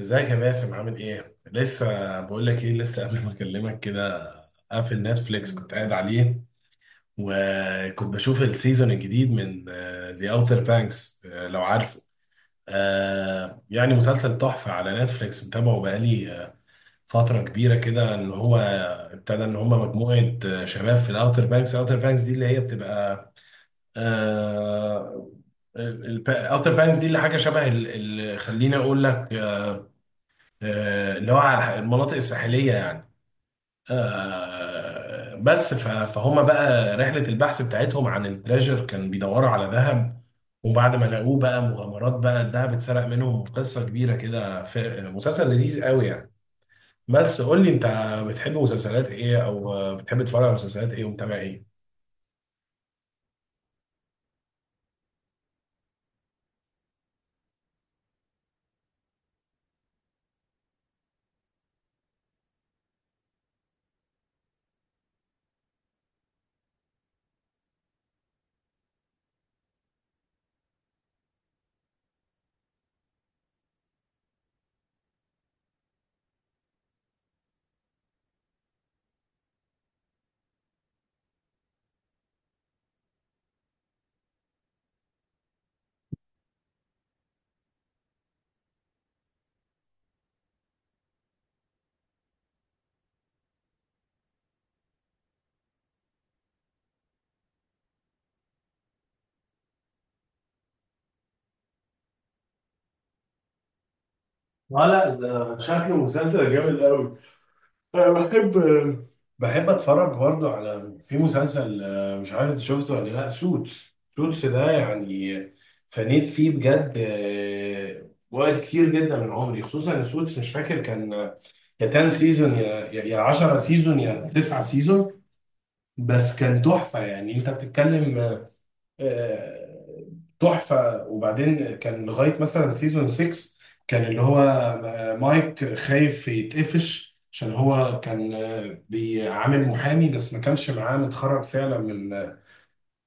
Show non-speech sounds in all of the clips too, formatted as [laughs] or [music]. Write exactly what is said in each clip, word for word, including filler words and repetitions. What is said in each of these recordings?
ازيك يا باسم؟ عامل ايه؟ لسه بقول لك ايه، لسه قبل ما اكلمك كده قافل نتفليكس كنت قاعد عليه، وكنت بشوف السيزون الجديد من ذا اوتر بانكس، لو عارفه. آه، يعني مسلسل تحفة على نتفليكس، متابعه بقالي آه، فترة كبيرة كده. ان هو ابتدى ان هم مجموعة آه، شباب في الاوتر بانكس، الاوتر بانكس دي اللي هي بتبقى، آه، الاوتر بانكس دي اللي حاجه شبه ال- ال- خليني اقول لك، آه، اللي هو على المناطق الساحلية يعني. آه، بس ف- فهم بقى رحلة البحث بتاعتهم عن التريجر، كان بيدوروا على ذهب، وبعد ما لقوه بقى مغامرات، بقى الذهب اتسرق منهم، قصة كبيرة كده في مسلسل لذيذ قوي يعني. بس قول لي انت، بتحب مسلسلات ايه، او بتحب تتفرج على مسلسلات ايه، ومتابع ايه؟ لا لا ده شكله مسلسل جامد قوي. أنا بحب، بحب اتفرج برضه على، في مسلسل، آه، مش عارف انت شفته ولا لا، سوتس، سوتس ده يعني فنيت فيه بجد آه، وقت كتير جدا من عمري. خصوصا ان سوتس مش فاكر كان يا عشرة سيزون يا يا عشرة سيزون يا تسعة سيزون. بس كان تحفة يعني، انت بتتكلم آه، تحفة. وبعدين كان لغاية مثلا سيزون ستة كان اللي هو آه، مايك خايف يتقفش، عشان هو كان آه، بيعامل محامي بس ما كانش معاه، متخرج فعلا من،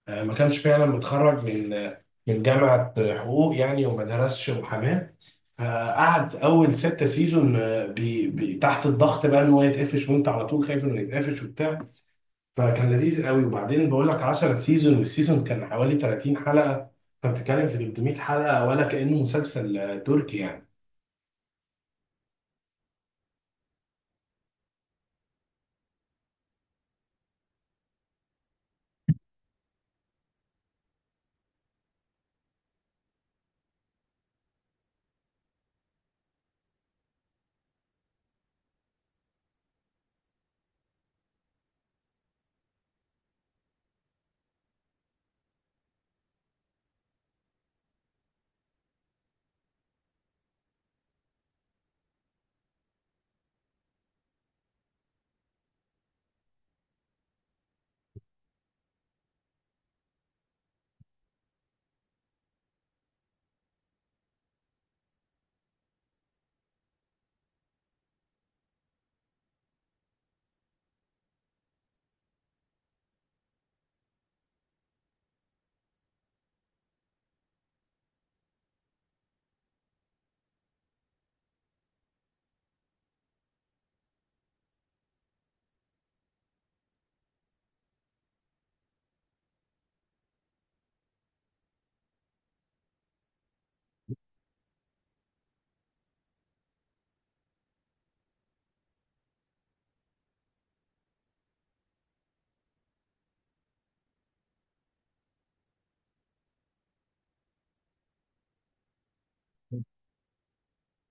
آه، ما كانش فعلا متخرج من آه، من جامعة حقوق يعني، وما درسش محاماة. فقعد أول ستة سيزون آه، بي بي تحت الضغط بقى إن هو يتقفش، وأنت على طول خايف إنه يتقفش وبتاع. فكان لذيذ قوي. وبعدين بقول لك عشرة سيزون، والسيزون كان حوالي تلاتين حلقة، فبتتكلم في ثلاث مية حلقة، ولا كأنه مسلسل آه، تركي يعني.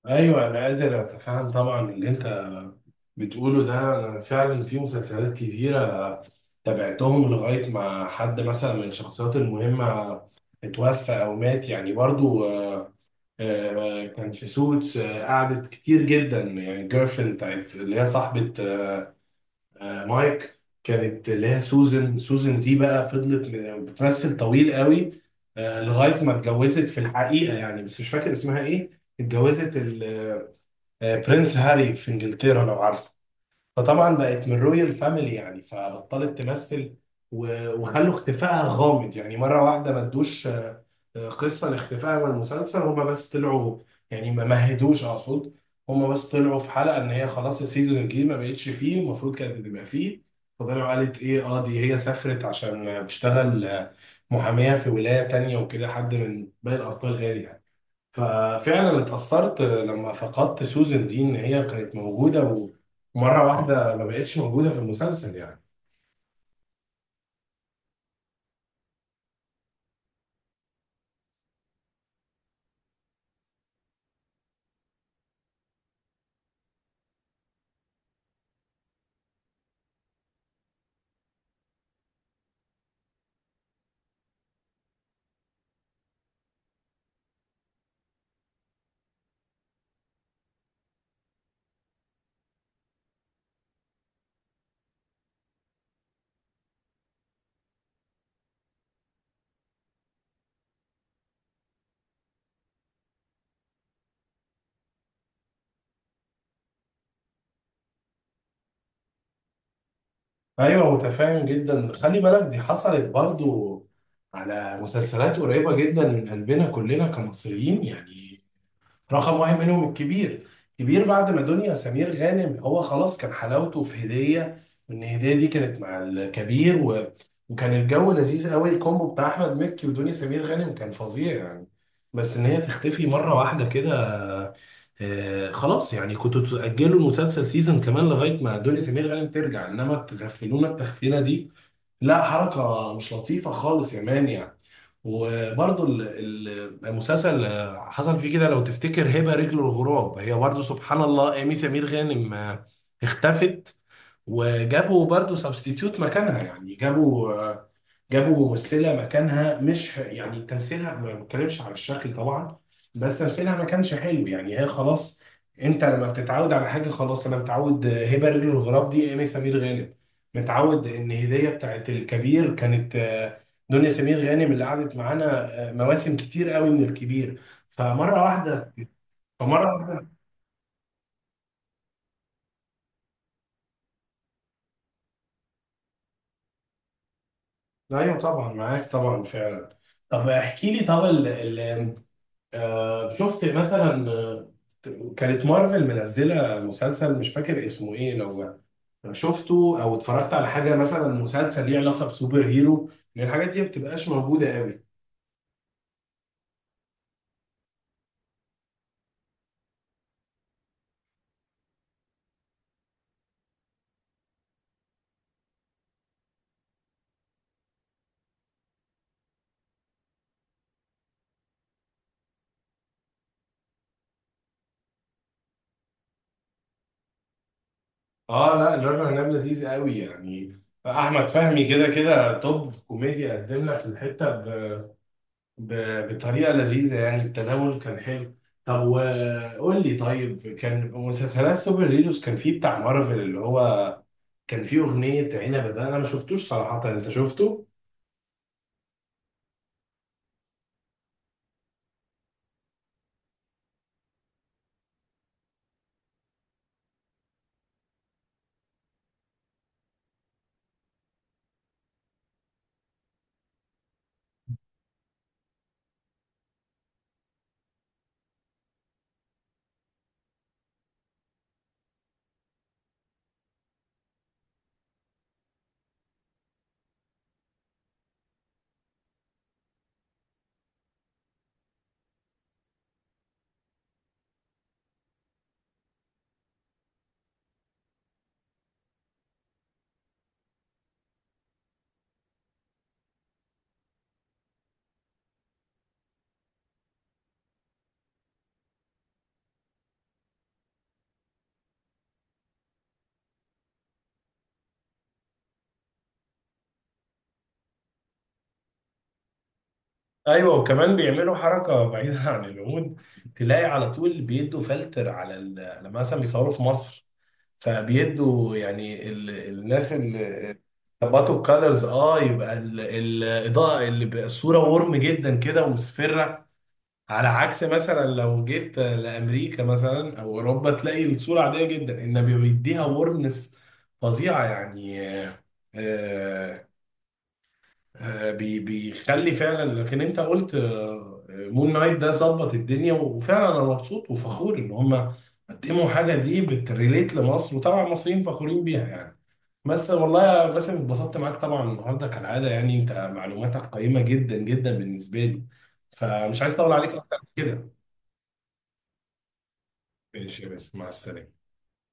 ايوه انا قادر اتفهم طبعا اللي انت بتقوله ده. أنا فعلا في مسلسلات كبيرة تابعتهم لغاية ما حد مثلا من الشخصيات المهمة اتوفى أو مات يعني، برضو آه، آه، كان في سوتس، آه، قعدت كتير جدا يعني الجيرل فريند بتاعت اللي هي صاحبة آه، آه، مايك، كانت اللي هي سوزن، سوزن دي بقى فضلت م- بتمثل طويل قوي آه، لغاية ما اتجوزت في الحقيقة يعني، بس مش فاكر اسمها ايه. اتجوزت ال- آه، برنس هاري في انجلترا لو عارف، فطبعا بقت من رويال فاميلي يعني، فبطلت تمثل. و- وخلوا اختفائها غامض يعني، مرة واحدة ما ادوش آه، آه، قصة لاختفائها من المسلسل. هما بس طلعوا يعني، ما مهدوش اقصد. هما بس طلعوا في حلقة ان هي خلاص السيزون الجديد ما بقتش فيه، المفروض كانت تبقى فيه. فطلعوا قالت ايه، اه دي هي سافرت عشان بتشتغل آه، محامية في ولاية تانية وكده، حد من باقي الابطال قال يعني. ففعلا اتأثرت لما فقدت سوزن دي، ان هي كانت موجودة ومرة واحدة ما بقتش موجودة في المسلسل يعني. ايوه، متفاهم جدا. خلي بالك دي حصلت برضو على مسلسلات قريبة جدا من قلبنا كلنا كمصريين يعني، رقم واحد منهم الكبير. كبير بعد ما دنيا سمير غانم، هو خلاص كان حلاوته في هدية، وان هدية دي كانت مع الكبير، و... وكان الجو لذيذ قوي، الكومبو بتاع احمد مكي ودنيا سمير غانم كان فظيع يعني. بس ان هي تختفي مرة واحدة كده، آه خلاص يعني كنتوا تأجلوا المسلسل سيزون كمان لغاية ما دنيا سمير غانم ترجع، انما تغفلونا التغفيلة دي لا، حركة مش لطيفة خالص يا مان يعني. وبرضو ال- ال- المسلسل آه، حصل فيه كده لو تفتكر، هبة رجل الغراب، هي برضو سبحان الله أمي سمير غانم آه، اختفت، وجابوا برضو سبستيتيوت مكانها يعني، جابوا آه، جابوا ممثله مكانها، مش يعني تمثيلها، ما بتكلمش على الشكل طبعا، بس تمثيلها ما كانش حلو يعني. هي خلاص، انت لما بتتعود على حاجه خلاص، انا متعود آه، هبه رجل الغراب دي ايمي سمير غانم، متعود ان هديه بتاعت الكبير كانت آه، دنيا سمير غانم اللي قعدت معانا آه، مواسم كتير قوي من الكبير. فمره واحده فمره واحده ايوه طبعا معاك طبعا فعلا. طب احكي لي، طب ال- ال- آه، شفت مثلا آه، كانت مارفل منزلة مسلسل مش فاكر اسمه ايه، لو شفته او اتفرجت على حاجة مثلا مسلسل ليه علاقة بسوبر هيرو؟ لان الحاجات دي ما بتبقاش موجودة قوي. اه لا، الراجل عناب لذيذ قوي يعني، احمد فهمي كده كده توب في كوميديا، قدم لك الحتة ب... ب... بطريقة لذيذة يعني، التناول كان حلو. طب وقول لي، طيب كان مسلسلات سوبر هيروز كان فيه بتاع مارفل اللي هو كان في اغنيه عنبه ده، انا ما شفتوش صراحه، انت شفته؟ ايوه وكمان بيعملوا حركه بعيده [laughs] عن العمود، تلاقي على طول بيدوا فلتر على ال... لما مثلا بيصوروا في مصر، فبيدوا يعني ال... الناس اللي ظبطوا الكالرز، اه يبقى ال... الاضاءه اللي بقى الصوره ورم جدا كده ومصفره، على عكس مثلا لو جيت لامريكا مثلا او اوروبا تلاقي الصوره عاديه جدا، انما بيديها ورمنس فظيعه يعني. آه، آه، بي- بيخلي فعلا. لكن انت قلت آه، مون نايت ده ظبط الدنيا، وفعلا انا مبسوط وفخور ان هم قدموا حاجه دي بتريليت لمصر، وطبعا المصريين فخورين بيها يعني. بس والله يا باسم اتبسطت معاك طبعا النهارده كالعاده، يعني انت معلوماتك قيمه جدا جدا بالنسبه لي، فمش عايز اطول عليك اكتر من كده. ماشي يا باسم، مع السلامه.